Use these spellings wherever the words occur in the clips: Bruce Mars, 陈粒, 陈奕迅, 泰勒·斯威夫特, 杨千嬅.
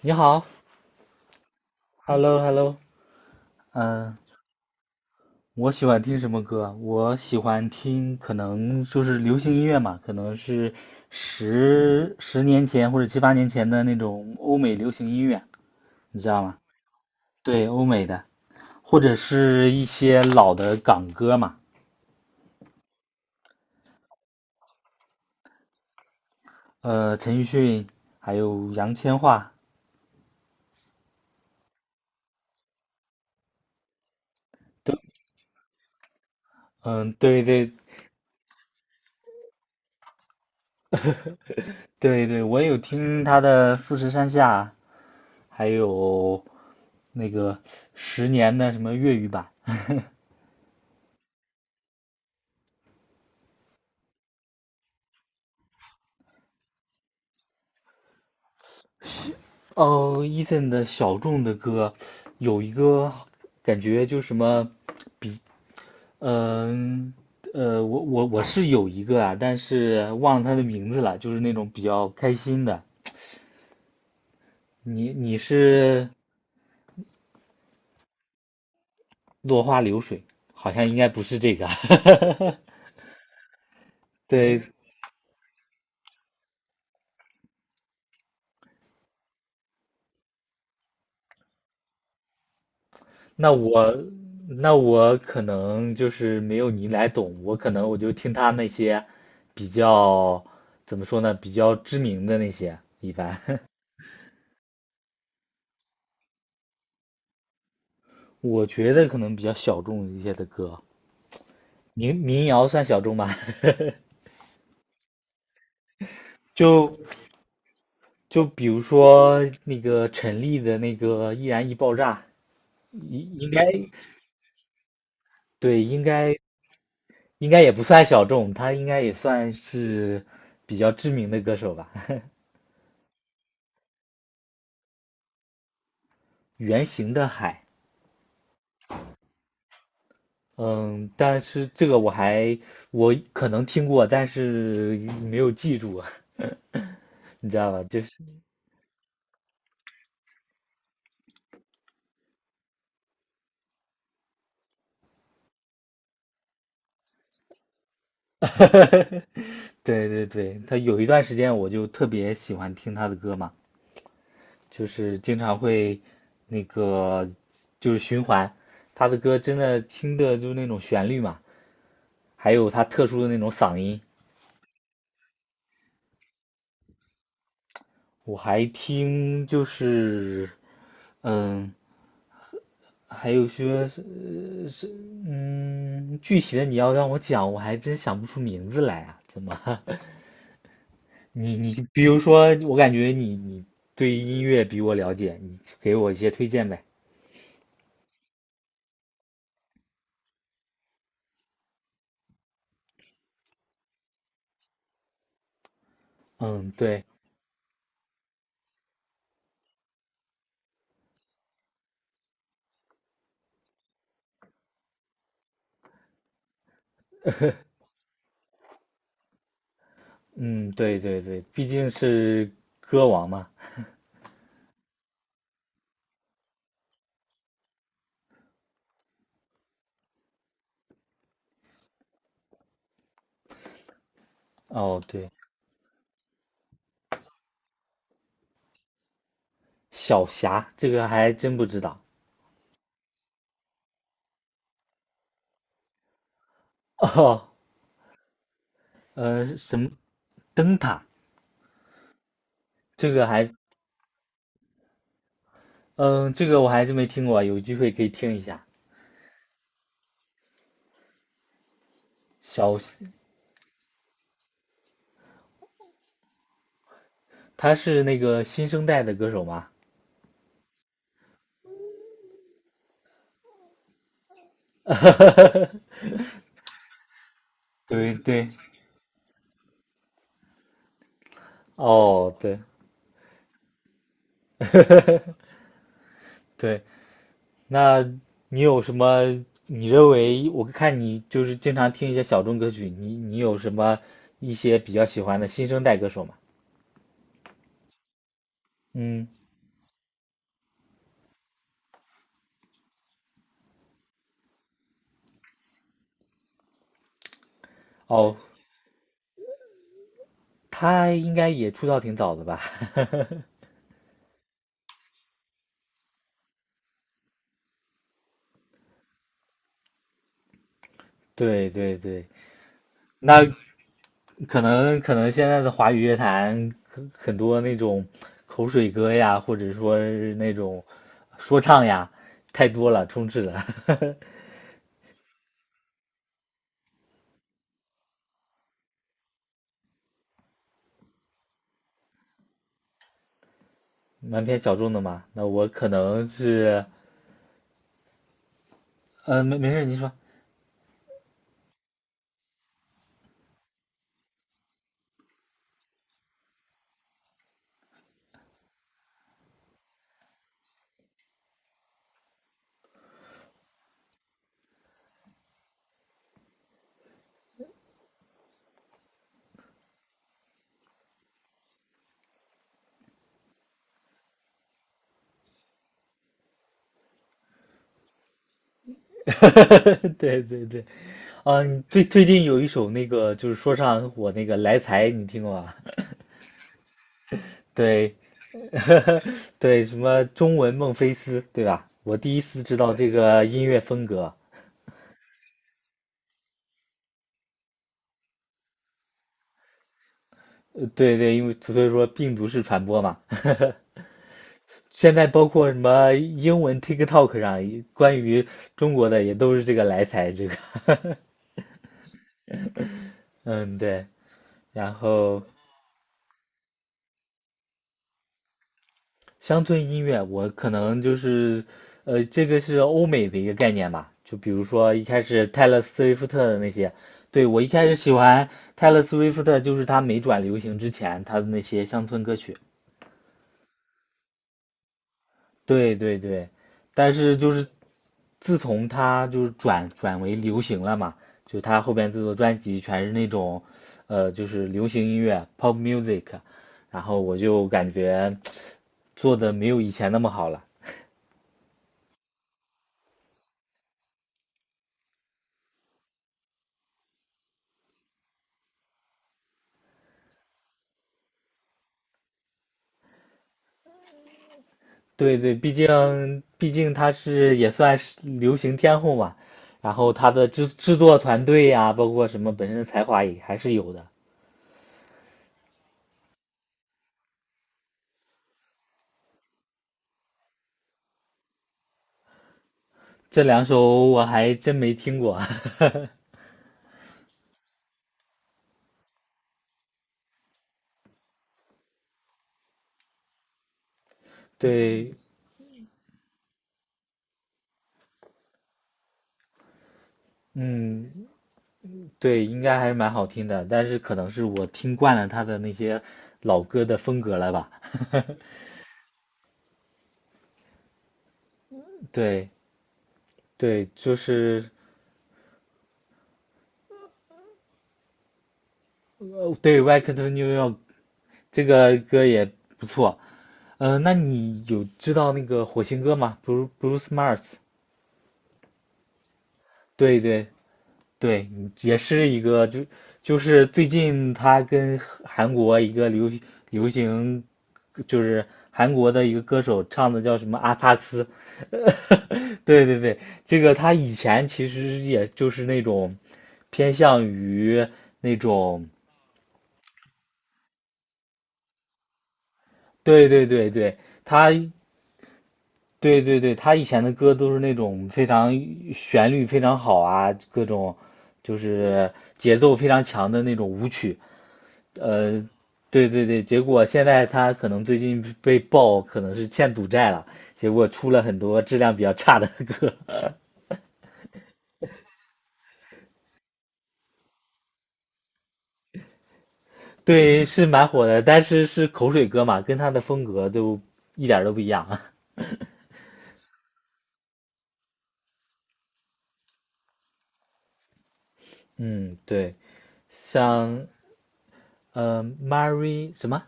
你好，Hello，Hello，嗯，我喜欢听什么歌？我喜欢听，可能就是流行音乐嘛，可能是十年前或者七八年前的那种欧美流行音乐，你知道吗？对，欧美的，或者是一些老的港歌嘛，陈奕迅，还有杨千嬅，嗯，对对对对，我也有听他的《富士山下》，还有那个十年的什么粤语版。哦，Eason 的小众的歌，有一个感觉就什么，嗯，我是有一个啊，但是忘了他的名字了，就是那种比较开心的。你你是落花流水，好像应该不是这个。对，那我那我可能就是没有你来懂，我可能我就听他那些比较怎么说呢，比较知名的那些一般。我觉得可能比较小众一些的歌，民谣算小众吧。就就比如说那个陈粒的那个《易燃易爆炸》，应该对，应该也不算小众，他应该也算是比较知名的歌手吧。圆形的海，嗯，但是这个我还我可能听过，但是没有记住啊，你知道吧？就是。对对对，他有一段时间我就特别喜欢听他的歌嘛，就是经常会那个就是循环，他的歌真的听的就是那种旋律嘛，还有他特殊的那种嗓音，我还听就是嗯，还有说是具体的你要让我讲，我还真想不出名字来啊，怎么？你你比如说，我感觉你你对音乐比我了解，你给我一些推荐呗。嗯，对，嗯，对对对，毕竟是歌王嘛。哦，对，小霞这个还真不知道。哦，什么灯塔？这个还，嗯，这个我还真没听过，有机会可以听一下。小，他是那个新生代的歌手吗？对对，哦，对对，那你有什么？你认为我看你就是经常听一些小众歌曲，你你有什么一些比较喜欢的新生代歌手吗？嗯，哦，他应该也出道挺早的吧？对对对，那可能现在的华语乐坛很多那种口水歌呀，或者说是那种说唱呀，太多了，充斥了，蛮偏小众的嘛。那我可能是，嗯，没事，您说。对对对，嗯、最近有一首那个就是说唱很火那个《来财》，你听过吗？对，对，什么中文孟菲斯，对吧？我第一次知道对这个音乐风格。对对，因为所以说病毒式传播嘛。现在包括什么英文 TikTok 上关于中国的也都是这个来财，这个，嗯，对。然后乡村音乐，我可能就是，这个是欧美的一个概念吧。就比如说一开始泰勒·斯威夫特的那些，对，我一开始喜欢泰勒·斯威夫特，就是他没转流行之前他的那些乡村歌曲。对对对，但是就是自从他就是转为流行了嘛，就他后边制作专辑全是那种，就是流行音乐（ （pop music），然后我就感觉做的没有以前那么好了。对对，毕竟他是也算是流行天后嘛，然后他的制作团队呀、包括什么本身的才华也还是有的。这两首我还真没听过，对，嗯，对，应该还是蛮好听的，但是可能是我听惯了他的那些老歌的风格了吧，对对，就是对《Welcome to New York》这个歌也不错，嗯，那你有知道那个火星哥吗？Bru c e Bruce Mars，对对对，也是一个是最近他跟韩国一个流行就是韩国的一个歌手唱的叫什么阿帕斯，对对对，这个他以前其实也就是那种偏向于那种，对对对对，他对对对，他以前的歌都是那种非常旋律非常好啊，各种就是节奏非常强的那种舞曲。呃，对对对，结果现在他可能最近被爆可能是欠赌债了，结果出了很多质量比较差的歌。对，是蛮火的，但是是口水歌嘛，跟他的风格都一点儿都不一样啊。嗯，对，像Mary 什么？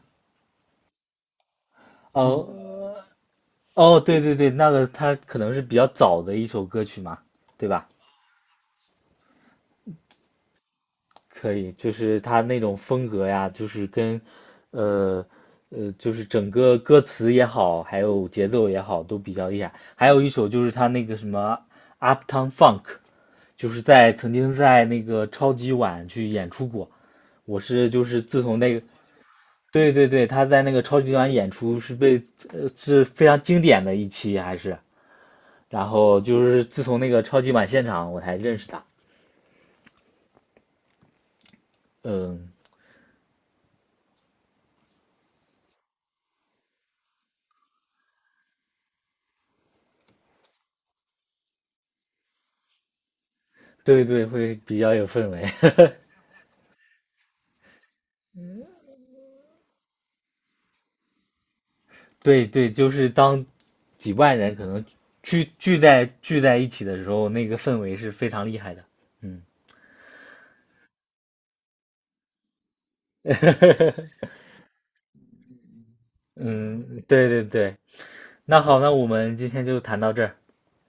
哦哦，对对对，那个它可能是比较早的一首歌曲嘛，对吧？可以，就是它那种风格呀，就是跟，呃就是整个歌词也好，还有节奏也好，都比较厉害。还有一首就是他那个什么 Uptown Funk，就是在曾经在那个超级碗去演出过。我是就是自从那个，对对对，他在那个超级碗演出是被，是非常经典的一期，还是。然后就是自从那个超级碗现场，我才认识他。嗯，对对，会比较有氛围。对对，就是当几万人可能聚在一起的时候，那个氛围是非常厉害的。嗯，嗯，对对对。那好，那我们今天就谈到这儿。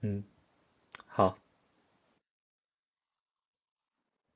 嗯，好。